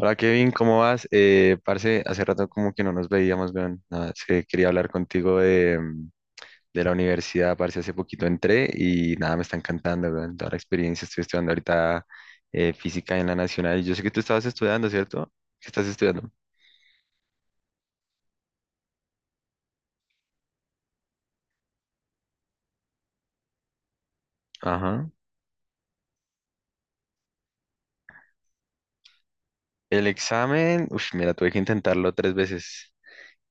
Hola Kevin, ¿cómo vas? Parce, hace rato como que no nos veíamos, weón. Nada, es que quería hablar contigo de de la universidad, parce, hace poquito entré y nada, me está encantando, weón. Toda la experiencia, estoy estudiando ahorita física en la Nacional. Yo sé que tú estabas estudiando, ¿cierto? ¿Qué estás estudiando? Ajá. El examen, uff, mira, tuve que intentarlo tres veces.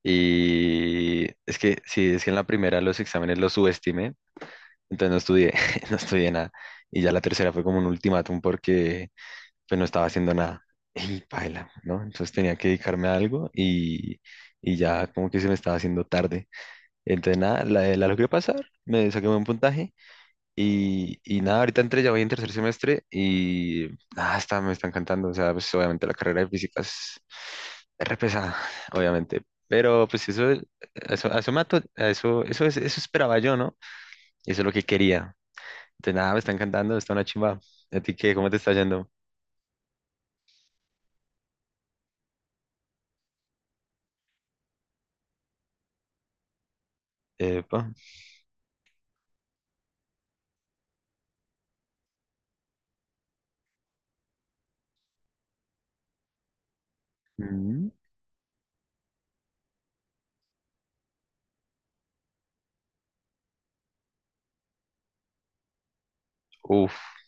Y es que, sí, es que en la primera los exámenes los subestimé, entonces no estudié, no estudié nada. Y ya la tercera fue como un ultimátum porque pues no estaba haciendo nada. Y paila, ¿no? Entonces tenía que dedicarme a algo y ya como que se me estaba haciendo tarde. Entonces nada, la logré pasar, me saqué un puntaje y nada, ahorita entré, ya voy en tercer semestre y nada, me está encantando. O sea, pues obviamente la carrera de física es re pesada, obviamente. Pero pues eso, eso, a eso, me ato- a eso, eso, es- eso esperaba yo, ¿no? Y eso es lo que quería. Entonces nada, me está encantando, está una chimba. ¿A ti qué? ¿Cómo te está yendo? Epa. Uf.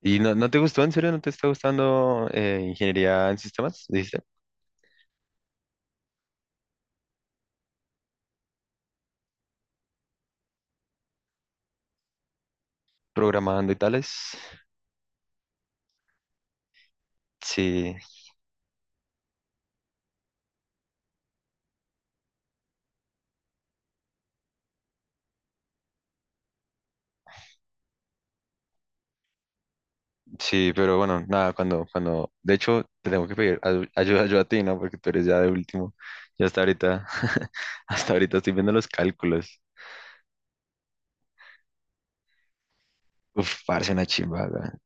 ¿Y no te gustó? ¿En serio no te está gustando ingeniería en sistemas? ¿Dijiste? Programando y tales. Sí, sí, pero bueno, nada, de hecho, te tengo que pedir ayuda yo a ti, ¿no? Porque tú eres ya de último. Yo hasta ahorita, hasta ahorita estoy viendo los cálculos. Uf, parece una chimba, weón.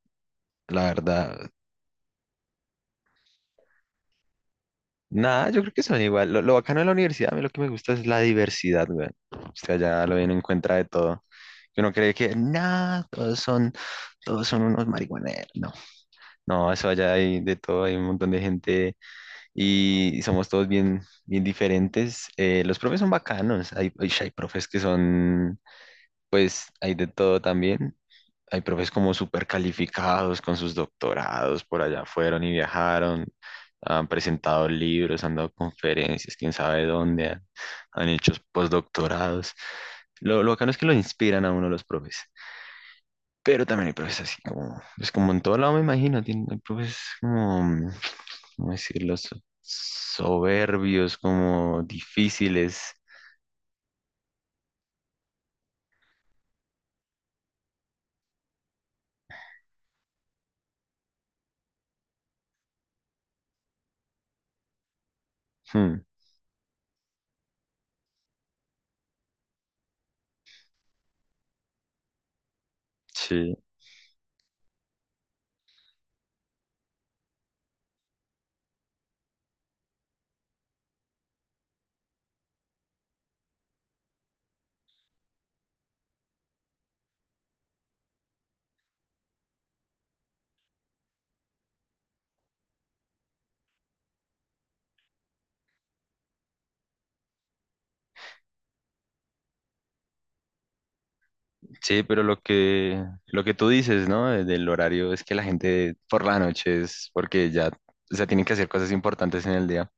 La verdad. Nada, yo creo que son igual. Lo bacano de la universidad, a mí lo que me gusta es la diversidad, güey. O sea, ya lo bien encuentra de todo. Yo no cree que nada, todos son unos marihuaneros. No, no, eso allá hay de todo, hay un montón de gente y somos todos bien, bien diferentes. Los profes son bacanos, hay profes que son, pues, hay de todo también. Hay profes como súper calificados con sus doctorados, por allá fueron y viajaron, han presentado libros, han dado conferencias, quién sabe dónde, han hecho postdoctorados. Lo bacano es que lo inspiran a uno los profes. Pero también hay profes así como, es como en todo lado me imagino, tienen, hay profes como, ¿cómo decirlo? Soberbios, como difíciles. Hmm, sí, sí, pero lo que tú dices, ¿no? Del horario es que la gente por la noche es porque ya, o sea, tienen que hacer cosas importantes en el día.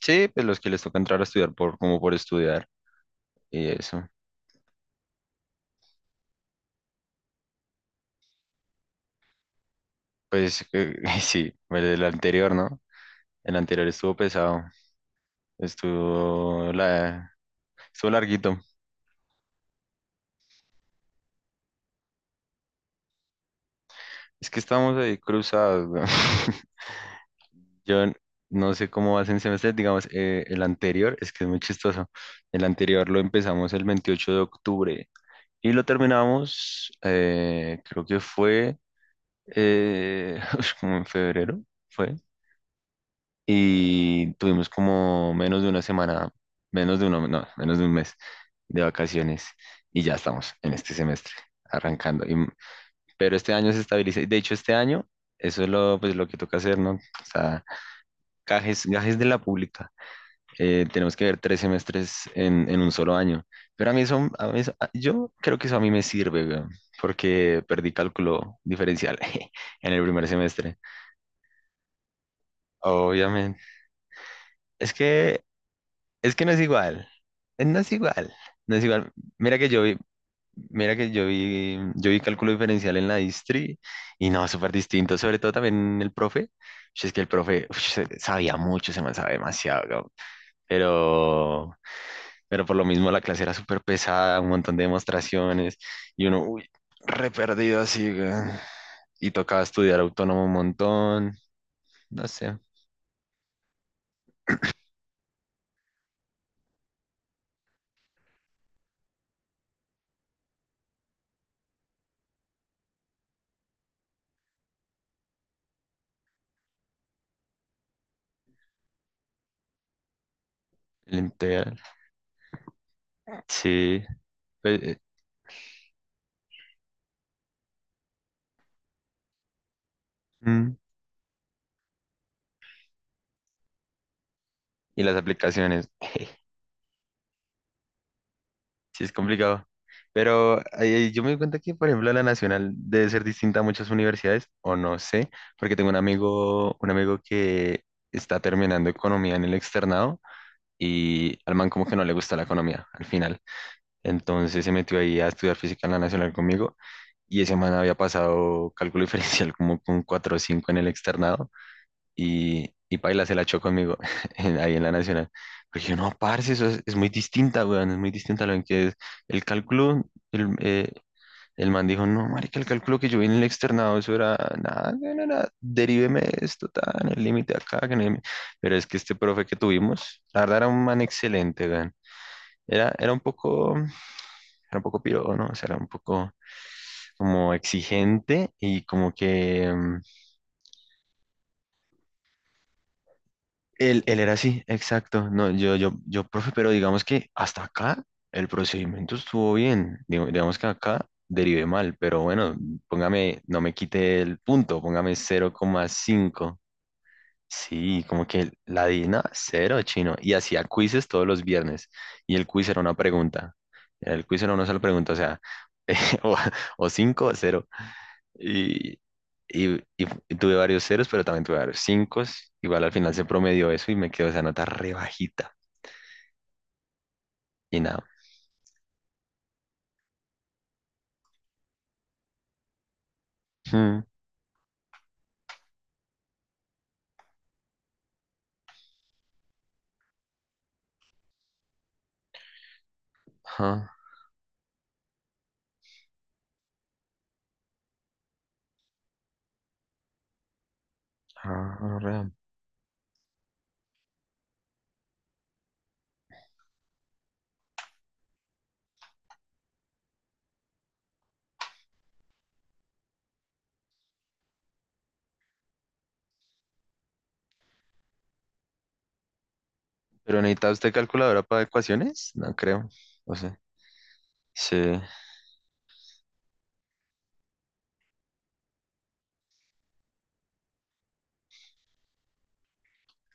Sí, pues los que les toca entrar a estudiar por, como por estudiar y eso. Pues sí, el anterior, ¿no? El anterior estuvo pesado. Estuvo la, Estuvo larguito. Es que estamos ahí cruzados. Weón. Yo n- no sé cómo vas en semestre, digamos, el anterior, es que es muy chistoso. El anterior lo empezamos el 28 de octubre y lo terminamos, creo que fue eh, como en febrero, fue. Y tuvimos como menos de una semana, menos de uno, no, menos de un mes de vacaciones y ya estamos en este semestre arrancando. Pero este año se estabiliza. De hecho, este año, eso es lo, pues, lo que toca hacer, ¿no? O sea, gajes de la pública. Tenemos que ver tres semestres en un solo año. Pero a mí eso, yo creo que eso a mí me sirve, weón, porque perdí cálculo diferencial en el primer semestre. Obviamente. Es que, es que no es igual. No es igual. No es igual. Mira que yo vi- Mira que yo vi cálculo diferencial en la distri y no, súper distinto, sobre todo también el profe. Ush, es que el profe ush, sabía mucho, se me sabe demasiado, cabrón. Pero, pero por lo mismo la clase era súper pesada, un montón de demostraciones y uno, uy, re perdido así, weón. Y tocaba estudiar autónomo un montón, no sé, el integral. Sí, pues, mm, y las aplicaciones. Sí, es complicado. Pero yo me doy cuenta que, por ejemplo, la nacional debe ser distinta a muchas universidades, o no sé, porque tengo un amigo que está terminando economía en el externado y al man como que no le gusta la economía al final. Entonces se metió ahí a estudiar física en la nacional conmigo y ese man había pasado cálculo diferencial como con 4 o 5 en el externado y paila se la echó conmigo ahí en la Nacional. Porque yo, no, parce, es muy distinta, weón, es muy distinta a lo que es el cálculo. El, eh, el man dijo, no, marica, el cálculo que yo vi en el externado, eso era nada, nada, deríveme esto, tan, el límite acá, que no hay... Pero es que este profe que tuvimos, la verdad era un man excelente, weón. Era un poco, era un poco piro, ¿no? O sea, era un poco como exigente y como que... mm, Él, era así, exacto. No, yo, profe, pero digamos que hasta acá el procedimiento estuvo bien. Digamos que acá derivé mal, pero bueno, póngame, no me quite el punto, póngame cero coma cinco. Sí, como que la DINA, cero chino. Y hacía quizzes todos los viernes. Y el quiz era una pregunta. El quiz era una sola pregunta, o sea, o, o 5 o 0. Y, y tuve varios ceros, pero también tuve varios cinco. Igual al final se promedió eso y me quedó esa nota re bajita. Y nada. Hmm, ajá, ajá, re. ¿Pero necesita usted calculadora para ecuaciones? No creo. No sé. Sí.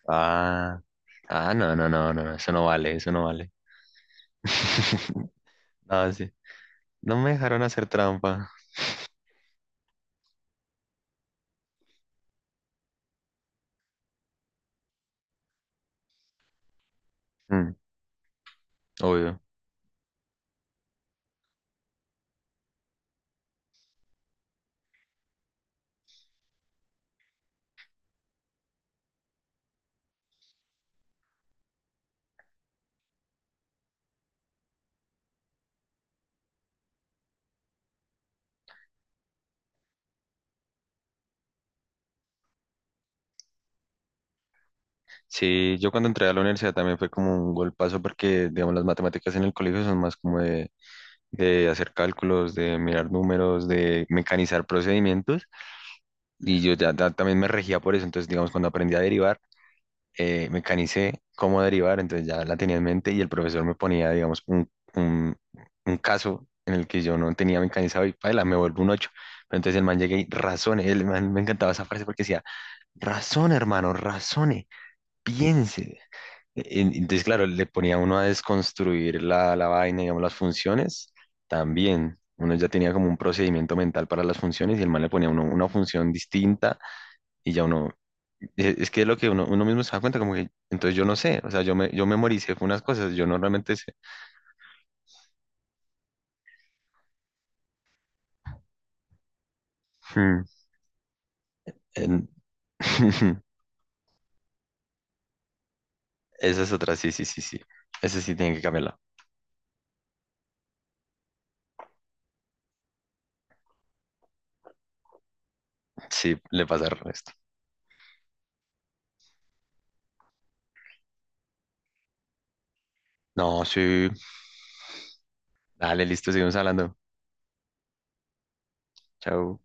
Ah, no, eso no vale, eso no vale. Ah, sí. No me dejaron hacer trampa. Mm, obvio. Sí, yo cuando entré a la universidad también fue como un golpazo porque, digamos, las matemáticas en el colegio son más como de hacer cálculos, de mirar números, de mecanizar procedimientos. Y yo ya, también me regía por eso. Entonces, digamos, cuando aprendí a derivar, mecanicé cómo derivar, entonces ya la tenía en mente y el profesor me ponía, digamos, un caso en el que yo no tenía mecanizado y paila, me vuelvo un 8. Pero entonces el man llegué y razone, el man me encantaba esa frase porque decía, razone, hermano, razone, piense entonces, claro, le ponía uno a desconstruir la vaina, digamos, las funciones, también. Uno ya tenía como un procedimiento mental para las funciones y el man le ponía a uno una función distinta y ya uno, es que es lo que uno, uno mismo se da cuenta, como que, entonces yo no sé, o sea, yo memoricé unas cosas, yo normalmente sé. Hmm, en... Esa es otra, sí, sí, sí, sí. Esa sí tiene que cambiarla. Sí, le pasa al resto. No, sí. Dale, listo, seguimos hablando. Chao.